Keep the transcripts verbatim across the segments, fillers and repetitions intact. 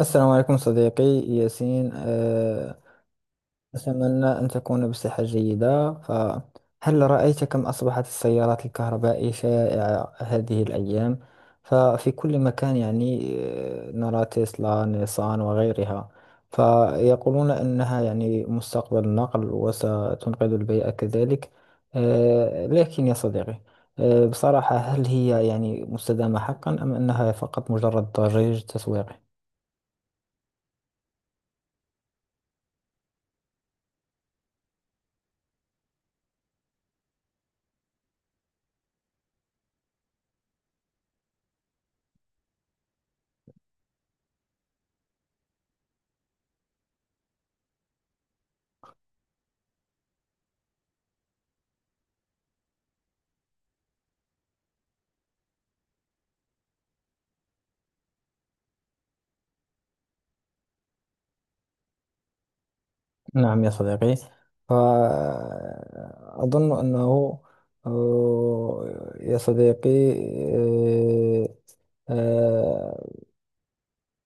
السلام عليكم صديقي ياسين آه، أتمنى أن تكون بصحة جيدة. فهل رأيت كم أصبحت السيارات الكهربائية شائعة هذه الأيام؟ ففي كل مكان يعني آه، نرى تسلا نيسان وغيرها. فيقولون أنها يعني مستقبل النقل وستنقذ البيئة كذلك. آه، لكن يا صديقي، آه، بصراحة هل هي يعني مستدامة حقا أم أنها فقط مجرد ضجيج تسويقي؟ نعم يا صديقي. أظن أنه آه، يا صديقي، آه، آه،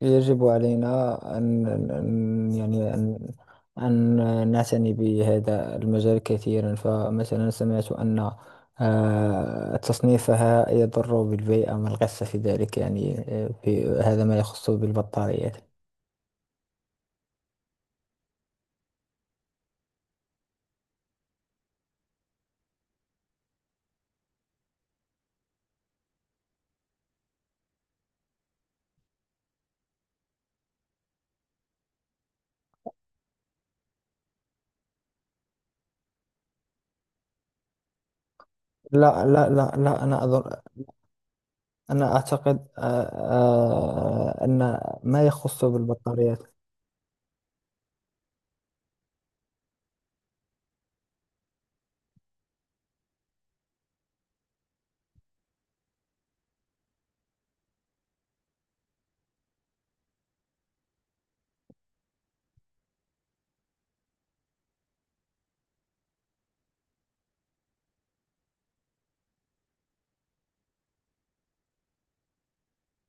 يجب علينا أن أن- يعني أن أن نعتني بهذا المجال كثيرا. فمثلا سمعت أن آه، تصنيفها يضر بالبيئة. ما القصة في ذلك يعني آه، في هذا ما يخص بالبطاريات. لا، لا، لا، لا، أنا أظن. أنا أعتقد آه، آه، أن ما يخص بالبطاريات.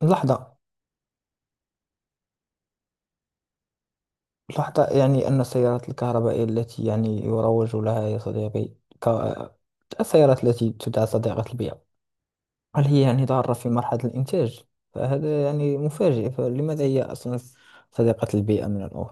لحظة. لحظة، يعني أن السيارات الكهربائية التي يعني يروج لها يا صديقي ك... السيارات التي تدعى صديقة البيئة، هل هي يعني ضارة في مرحلة الإنتاج؟ فهذا يعني مفاجئ. فلماذا هي أصلا صديقة البيئة من الأول؟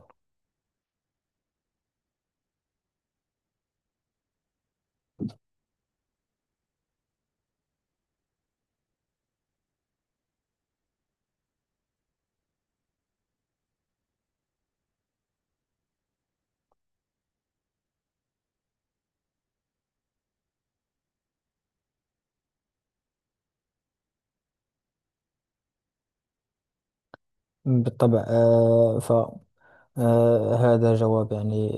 بالطبع. آه، آه هذا جواب يعني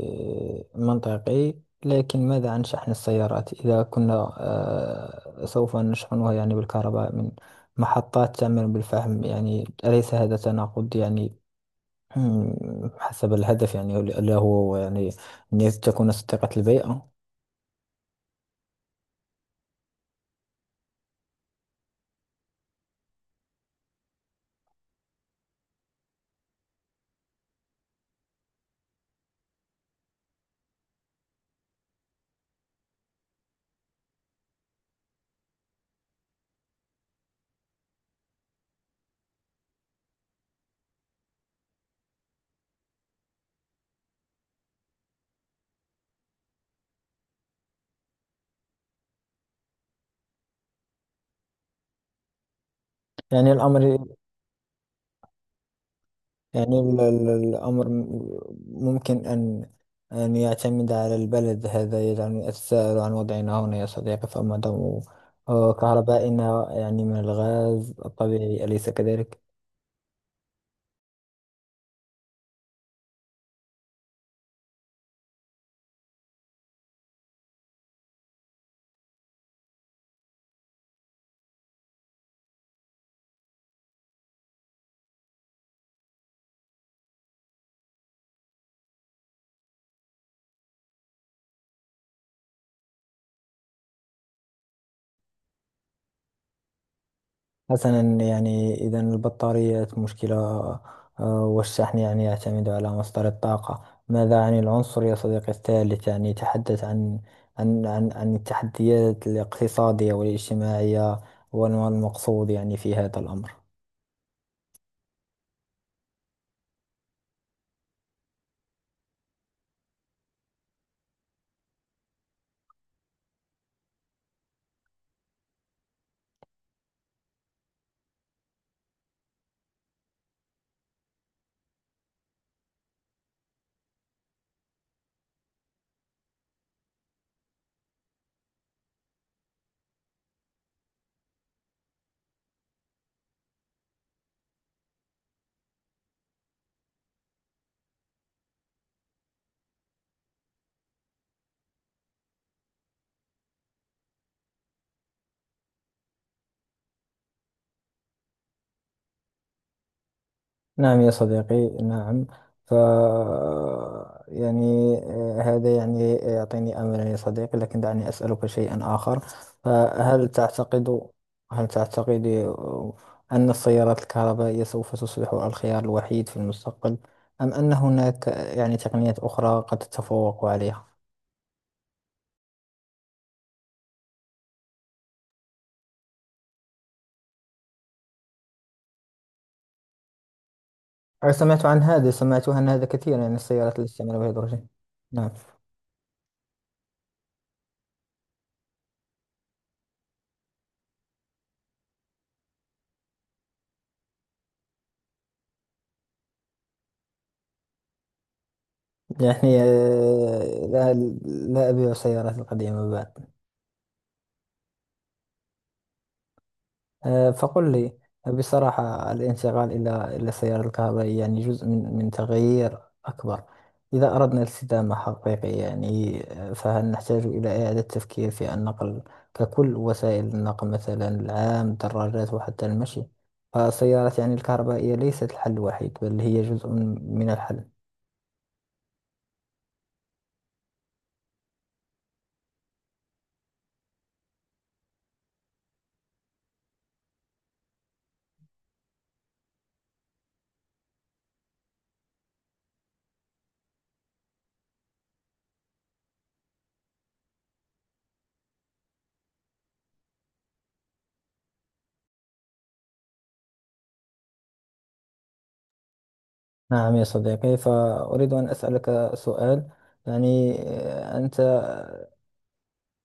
منطقي. لكن ماذا عن شحن السيارات؟ إذا كنا آه سوف نشحنها يعني بالكهرباء من محطات تعمل بالفحم، يعني أليس هذا تناقض يعني مم، حسب الهدف، يعني اللي هو يعني أن تكون صديقة البيئة. يعني الأمر، يعني ال- ال- الأمر م- ممكن أن أن يعتمد على البلد. هذا يجعلني أتساءل عن وضعنا هنا يا صديقي. فما دام آه، كهربائنا يعني من الغاز الطبيعي، أليس كذلك؟ حسنا، يعني إذا البطاريات مشكلة. آه، والشحن يعني يعتمد على مصدر الطاقة. ماذا عن العنصر يا صديقي الثالث؟ يعني تحدث عن عن عن عن التحديات الاقتصادية والاجتماعية، والمقصود يعني في هذا الأمر. نعم يا صديقي، نعم. ف يعني آه، هذا يعني يعطيني أملا يا صديقي. لكن دعني أسألك شيئا آخر. فهل تعتقد هل تعتقد آه، أن السيارات الكهربائية سوف تصبح الخيار الوحيد في المستقبل، أم أن هناك يعني تقنيات أخرى قد تتفوق عليها؟ أنا سمعت عن هذا، سمعت عن هذا كثيرا. يعني السيارات اللي تستعمل بهيدروجين. نعم. يعني آه، لا، لا أبيع السيارات القديمة بعد. آه، فقل لي بصراحة، الانتقال إلى إلى السيارة الكهربائية يعني جزء من من تغيير أكبر. إذا أردنا الاستدامة حقيقية يعني آه، فهل نحتاج إلى إعادة التفكير في النقل ككل؟ وسائل النقل مثلا العام، الدراجات، وحتى المشي. فالسيارات يعني الكهربائية ليست الحل الوحيد، بل هي جزء من الحل. نعم يا صديقي، فأريد أن أسألك سؤال. يعني آه، أنت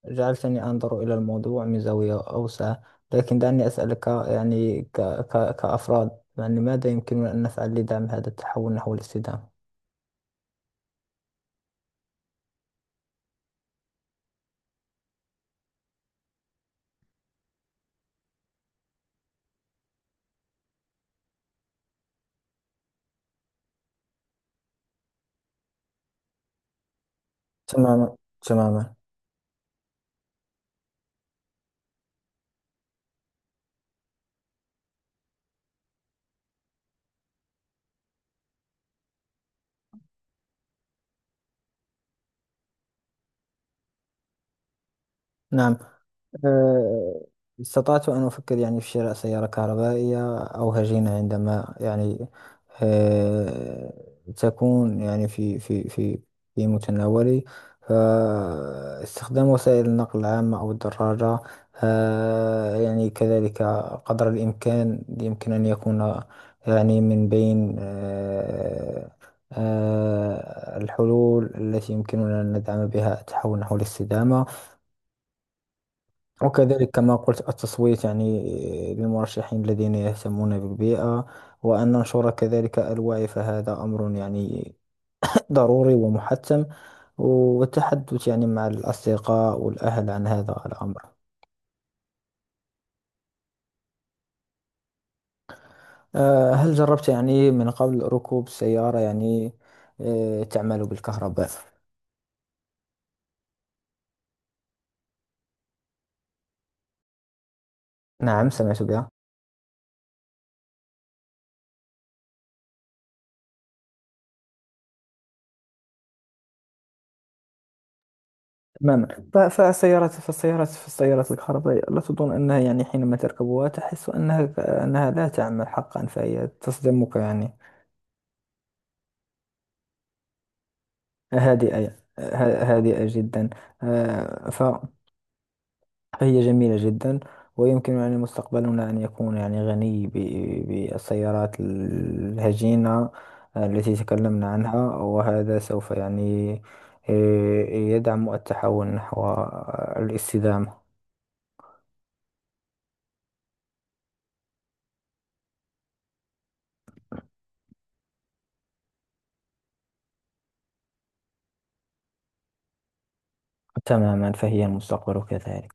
جعلتني أنظر إلى الموضوع من زاوية أوسع. لكن دعني أسألك، يعني ك ك كأفراد، يعني ماذا يمكننا أن نفعل لدعم هذا التحول نحو الاستدامة؟ تماما، تماما. نعم. آه، استطعت أن أفكر يعني في شراء سيارة كهربائية أو هجينة عندما يعني آه، تكون يعني في في في في متناولي. فاستخدام وسائل النقل العامة أو الدراجة آه، يعني كذلك قدر الإمكان يمكن أن يكون يعني من بين آه، آه، الحلول التي يمكننا أن ندعم بها التحول نحو الاستدامة. وكذلك كما قلت، التصويت يعني للمرشحين الذين يهتمون بالبيئة. وأن ننشر كذلك الوعي، فهذا أمر يعني ضروري ومحتم. والتحدث يعني مع الأصدقاء والأهل عن هذا الأمر. آه، هل جربت يعني من قبل ركوب سيارة يعني آه، تعمل بالكهرباء؟ نعم سمعت بها. تماما. ف- فالسيارات فالسيارات فالسيارات الكهربائية لا تظن أنها يعني حينما تركبها تحس أنها أنها لا تعمل حقا، فهي تصدمك يعني. هادئة. ه- هادئة جدا. آه، ف- فهي جميلة جدا. ويمكن يعني مستقبلنا أن يكون يعني غني ب- بالسيارات الهجينة التي تكلمنا عنها. وهذا سوف يعني آه، يدعم التحول نحو الاستدامة. تماما، فهي المستقبل كذلك.